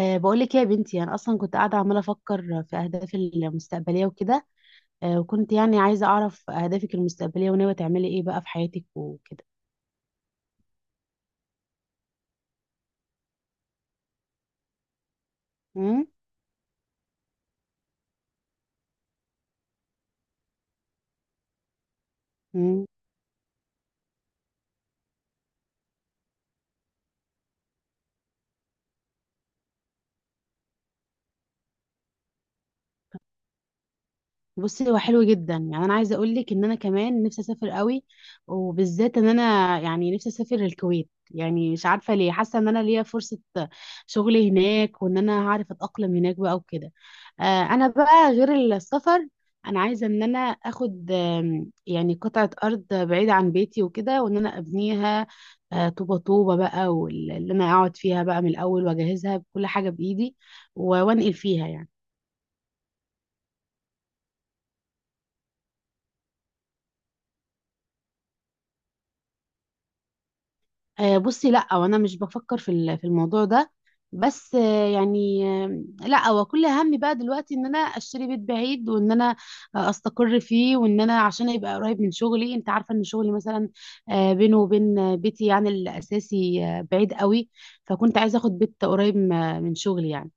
بقولك إيه يا بنتي، أنا أصلا كنت قاعدة عمالة أفكر في أهدافي المستقبلية وكده. وكنت يعني عايزة أعرف أهدافك المستقبلية وناوية تعملي إيه بقى في حياتك وكده. مم؟ بصي، هو حلو جدا، يعني انا عايزه اقول لك ان انا كمان نفسي اسافر قوي، وبالذات ان انا يعني نفسي اسافر الكويت، يعني مش عارفه ليه، حاسه ان انا ليا فرصه شغل هناك وان انا هعرف اتاقلم هناك بقى وكده. آه، انا بقى غير السفر، انا عايزه ان انا اخد يعني قطعه ارض بعيده عن بيتي وكده وان انا ابنيها طوبه طوبه بقى، واللي انا اقعد فيها بقى من الاول واجهزها بكل حاجه بايدي، وانقل فيها يعني. بصي، لا، وانا مش بفكر في في الموضوع ده، بس يعني لا، هو كل همي بقى دلوقتي ان انا اشتري بيت بعيد، وان انا استقر فيه، وان انا عشان يبقى قريب من شغلي. انت عارفه ان شغلي مثلا بينه وبين بيتي يعني الاساسي بعيد قوي، فكنت عايزه اخد بيت قريب من شغلي يعني.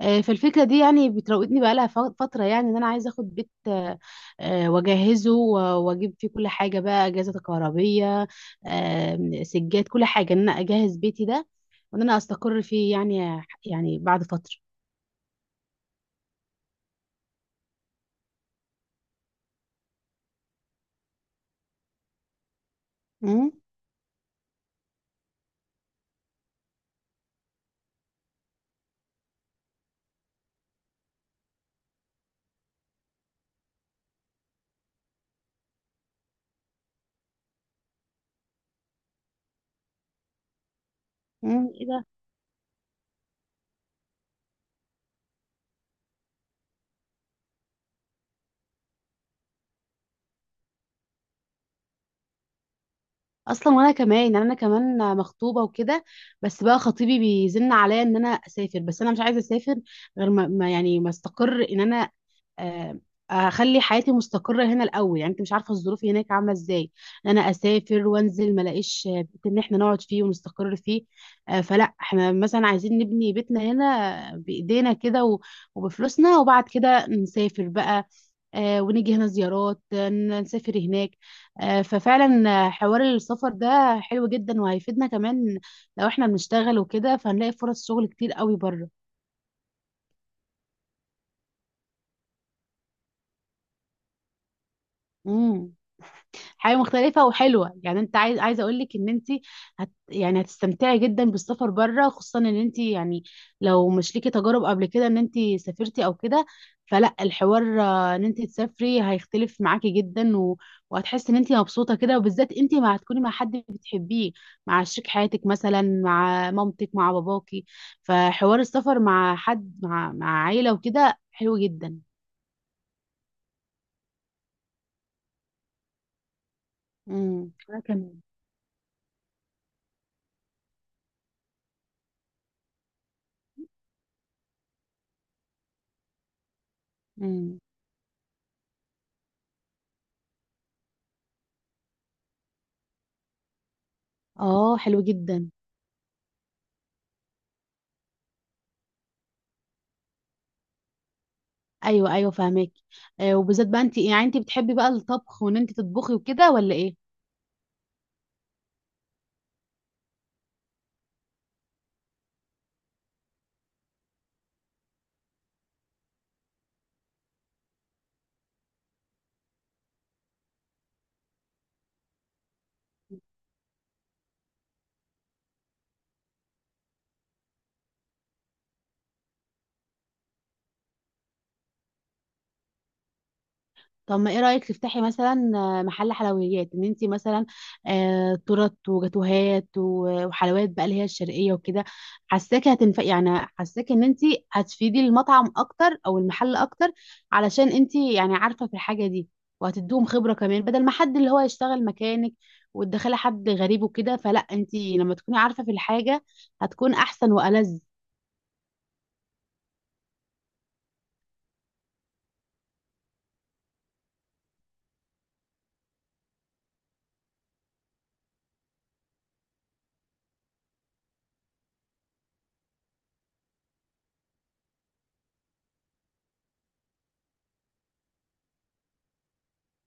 فالفكرة دي يعني بتراودني بقالها فترة، يعني ان انا عايزة اخد بيت، واجهزه واجيب فيه كل حاجة بقى، اجهزة كهربية، سجاد، كل حاجة، ان انا اجهز بيتي ده، وان انا استقر فيه يعني، يعني بعد فترة. امم. امم، ايه ده؟ اصلا وانا كمان، يعني انا كمان مخطوبة وكده، بس بقى خطيبي بيزن عليا ان انا اسافر، بس انا مش عايزة اسافر غير يعني ما استقر ان انا آه، اخلي حياتي مستقره هنا الاول. يعني انت مش عارفه الظروف هناك عامله ازاي، إن انا اسافر وانزل ما الاقيش بيت ان احنا نقعد فيه ونستقر فيه. فلا، احنا مثلا عايزين نبني بيتنا هنا بايدينا كده، وبفلوسنا، وبعد كده نسافر بقى، ونيجي هنا زيارات، نسافر هناك. ففعلا حوار السفر ده حلو جدا وهيفيدنا كمان، لو احنا بنشتغل وكده فهنلاقي فرص شغل كتير قوي بره. امم. حاجه مختلفه وحلوه، يعني انت عايزه اقول لك ان انت هت يعني هتستمتعي جدا بالسفر بره، خصوصا ان انت يعني لو مش ليكي تجارب قبل كده ان انت سافرتي او كده. فلا الحوار ان انت تسافري هيختلف معاكي جدا، وهتحسي ان انت مبسوطه كده، وبالذات انت ما هتكوني مع حد بتحبيه، مع شريك حياتك، مثلا مع مامتك، مع باباكي، فحوار السفر مع حد، مع عيله وكده حلو جدا. انا كمان. امم. اه، حلو جدا. ايوه ايوه فاهمك. آه، وبالذات بقى انت، يعني انت بتحبي بقى الطبخ وان انت تطبخي وكده ولا ايه؟ طب ما ايه رايك تفتحي مثلا محل حلويات، ان انت مثلا آه تورت وجاتوهات وحلويات بقى اللي هي الشرقيه وكده. حاساكي هتنفع يعني، حاساكي ان انت هتفيدي المطعم اكتر او المحل اكتر، علشان انت يعني عارفه في الحاجه دي، وهتديهم خبره كمان، بدل ما حد اللي هو يشتغل مكانك وتدخلي حد غريب وكده. فلا، انت لما تكوني عارفه في الحاجه هتكون احسن والذ.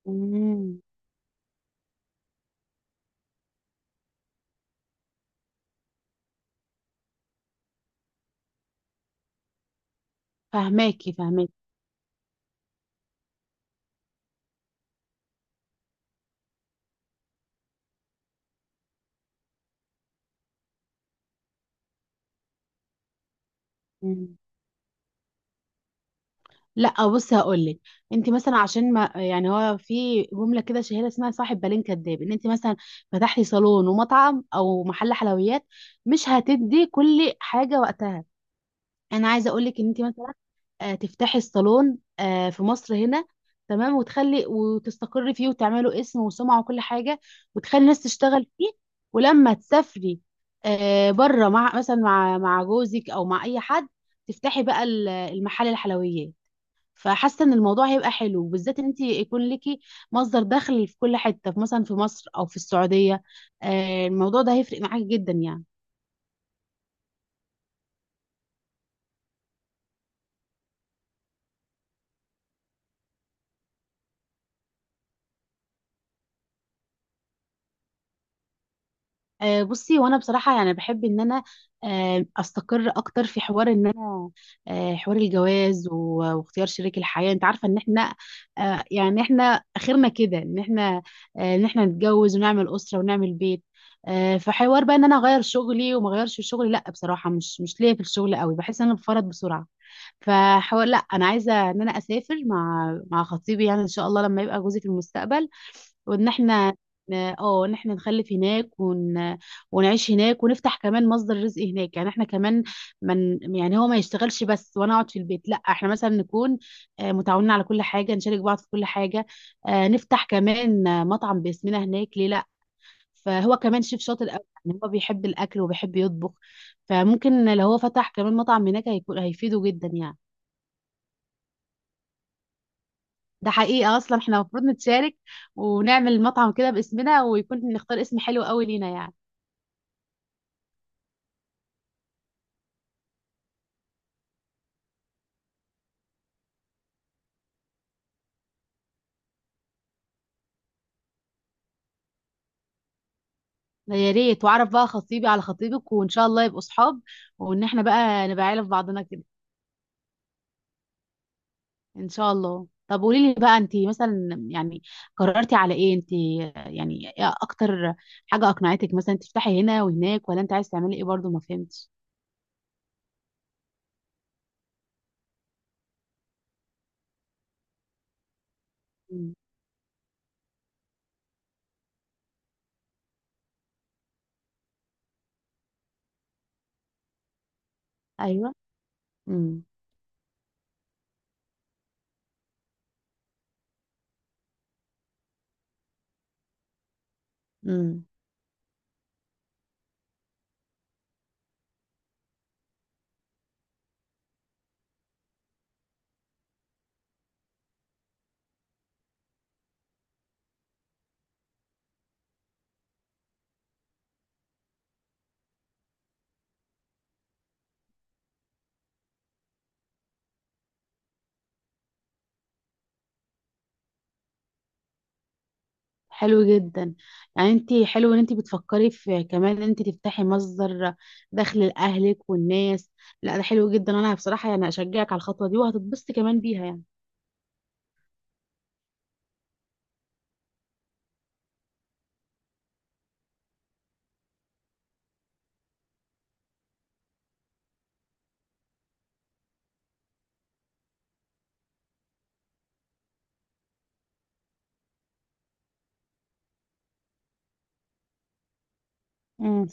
امم. فهماكي فهماكي. مم. لا، بصي هقول لك، انت مثلا عشان ما يعني، هو في جمله كده شهيره اسمها صاحب بالين كداب، ان انت مثلا فتحتي صالون ومطعم او محل حلويات مش هتدي كل حاجه وقتها. انا عايزه اقول لك ان انت مثلا تفتحي الصالون في مصر هنا، تمام، وتخلي وتستقري فيه وتعملوا اسم وسمعة وكل حاجة، وتخلي الناس تشتغل فيه، ولما تسافري بره، مع مثلا مع جوزك او مع اي حد، تفتحي بقى المحل الحلويات. فحاسه ان الموضوع هيبقى حلو، بالذات ان انت يكون ليكي مصدر دخل في كل حته، في مثلا في مصر او في السعوديه. الموضوع ده هيفرق معاكي جدا يعني. بصي، وانا بصراحه يعني بحب ان انا استقر اكتر في حوار ان انا حوار الجواز واختيار شريك الحياه. انت عارفه ان احنا يعني احنا اخرنا كده ان احنا ان احنا نتجوز ونعمل اسره ونعمل بيت. فحوار بقى ان انا اغير شغلي وما اغيرش في شغلي، لا بصراحه، مش ليا في الشغل قوي، بحس ان انا بفرط بسرعه. فحوار لا، انا عايزه ان انا اسافر مع خطيبي، يعني ان شاء الله لما يبقى جوزي في المستقبل، وان احنا ان احنا نخلف هناك، ونعيش هناك، ونفتح كمان مصدر رزق هناك. يعني احنا كمان، من يعني، هو ما يشتغلش بس وانا اقعد في البيت، لا احنا مثلا نكون متعاونين على كل حاجة، نشارك بعض في كل حاجة، نفتح كمان مطعم باسمنا هناك، ليه لا؟ فهو كمان شيف شاطر قوي، يعني هو بيحب الاكل وبيحب يطبخ، فممكن لو هو فتح كمان مطعم هناك هيفيده جدا يعني. ده حقيقة، اصلا احنا المفروض نتشارك، ونعمل مطعم كده باسمنا، ويكون نختار اسم حلو قوي لينا يعني. يا ريت، واعرف بقى خطيبي على خطيبك وان شاء الله يبقوا صحاب، وان احنا بقى نبقى عيله في بعضنا كده. ان شاء الله. طب قولي لي بقى، انت مثلا يعني قررتي على ايه انت؟ يعني إيه اكتر حاجه اقنعتك مثلا تفتحي هنا وهناك؟ ولا انت عايز تعملي ايه؟ برضو ما فهمتش. مم. ايوه. امم. امم، حلو جدا، يعني انت حلو ان انت بتفكري في كمان ان انت تفتحي مصدر دخل لاهلك والناس. لا ده حلو جدا، انا بصراحه يعني اشجعك على الخطوه دي، وهتتبسطي كمان بيها يعني. مم.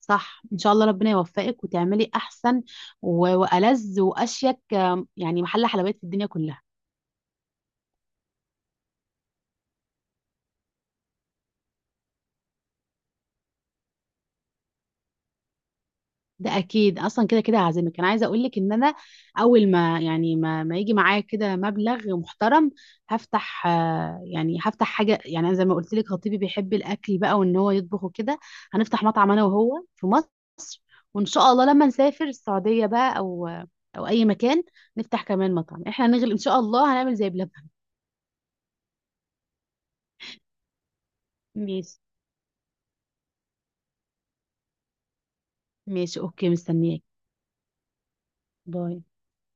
صح، ان شاء الله ربنا يوفقك وتعملي احسن والذ واشيك يعني محل حلويات في الدنيا كلها. ده اكيد، اصلا كده كده هعزمك. انا عايزه اقول لك ان انا اول ما يعني ما يجي معايا كده مبلغ محترم، هفتح يعني هفتح حاجه. يعني أنا زي ما قلت لك خطيبي بيحب الاكل بقى وان هو يطبخ وكده، هنفتح مطعم انا وهو في مصر، وان شاء الله لما نسافر السعوديه بقى او اي مكان نفتح كمان مطعم. احنا هنغل ان شاء الله، هنعمل زي بلبن. ماشي. ماشي، اوكي، مستنياك. باي.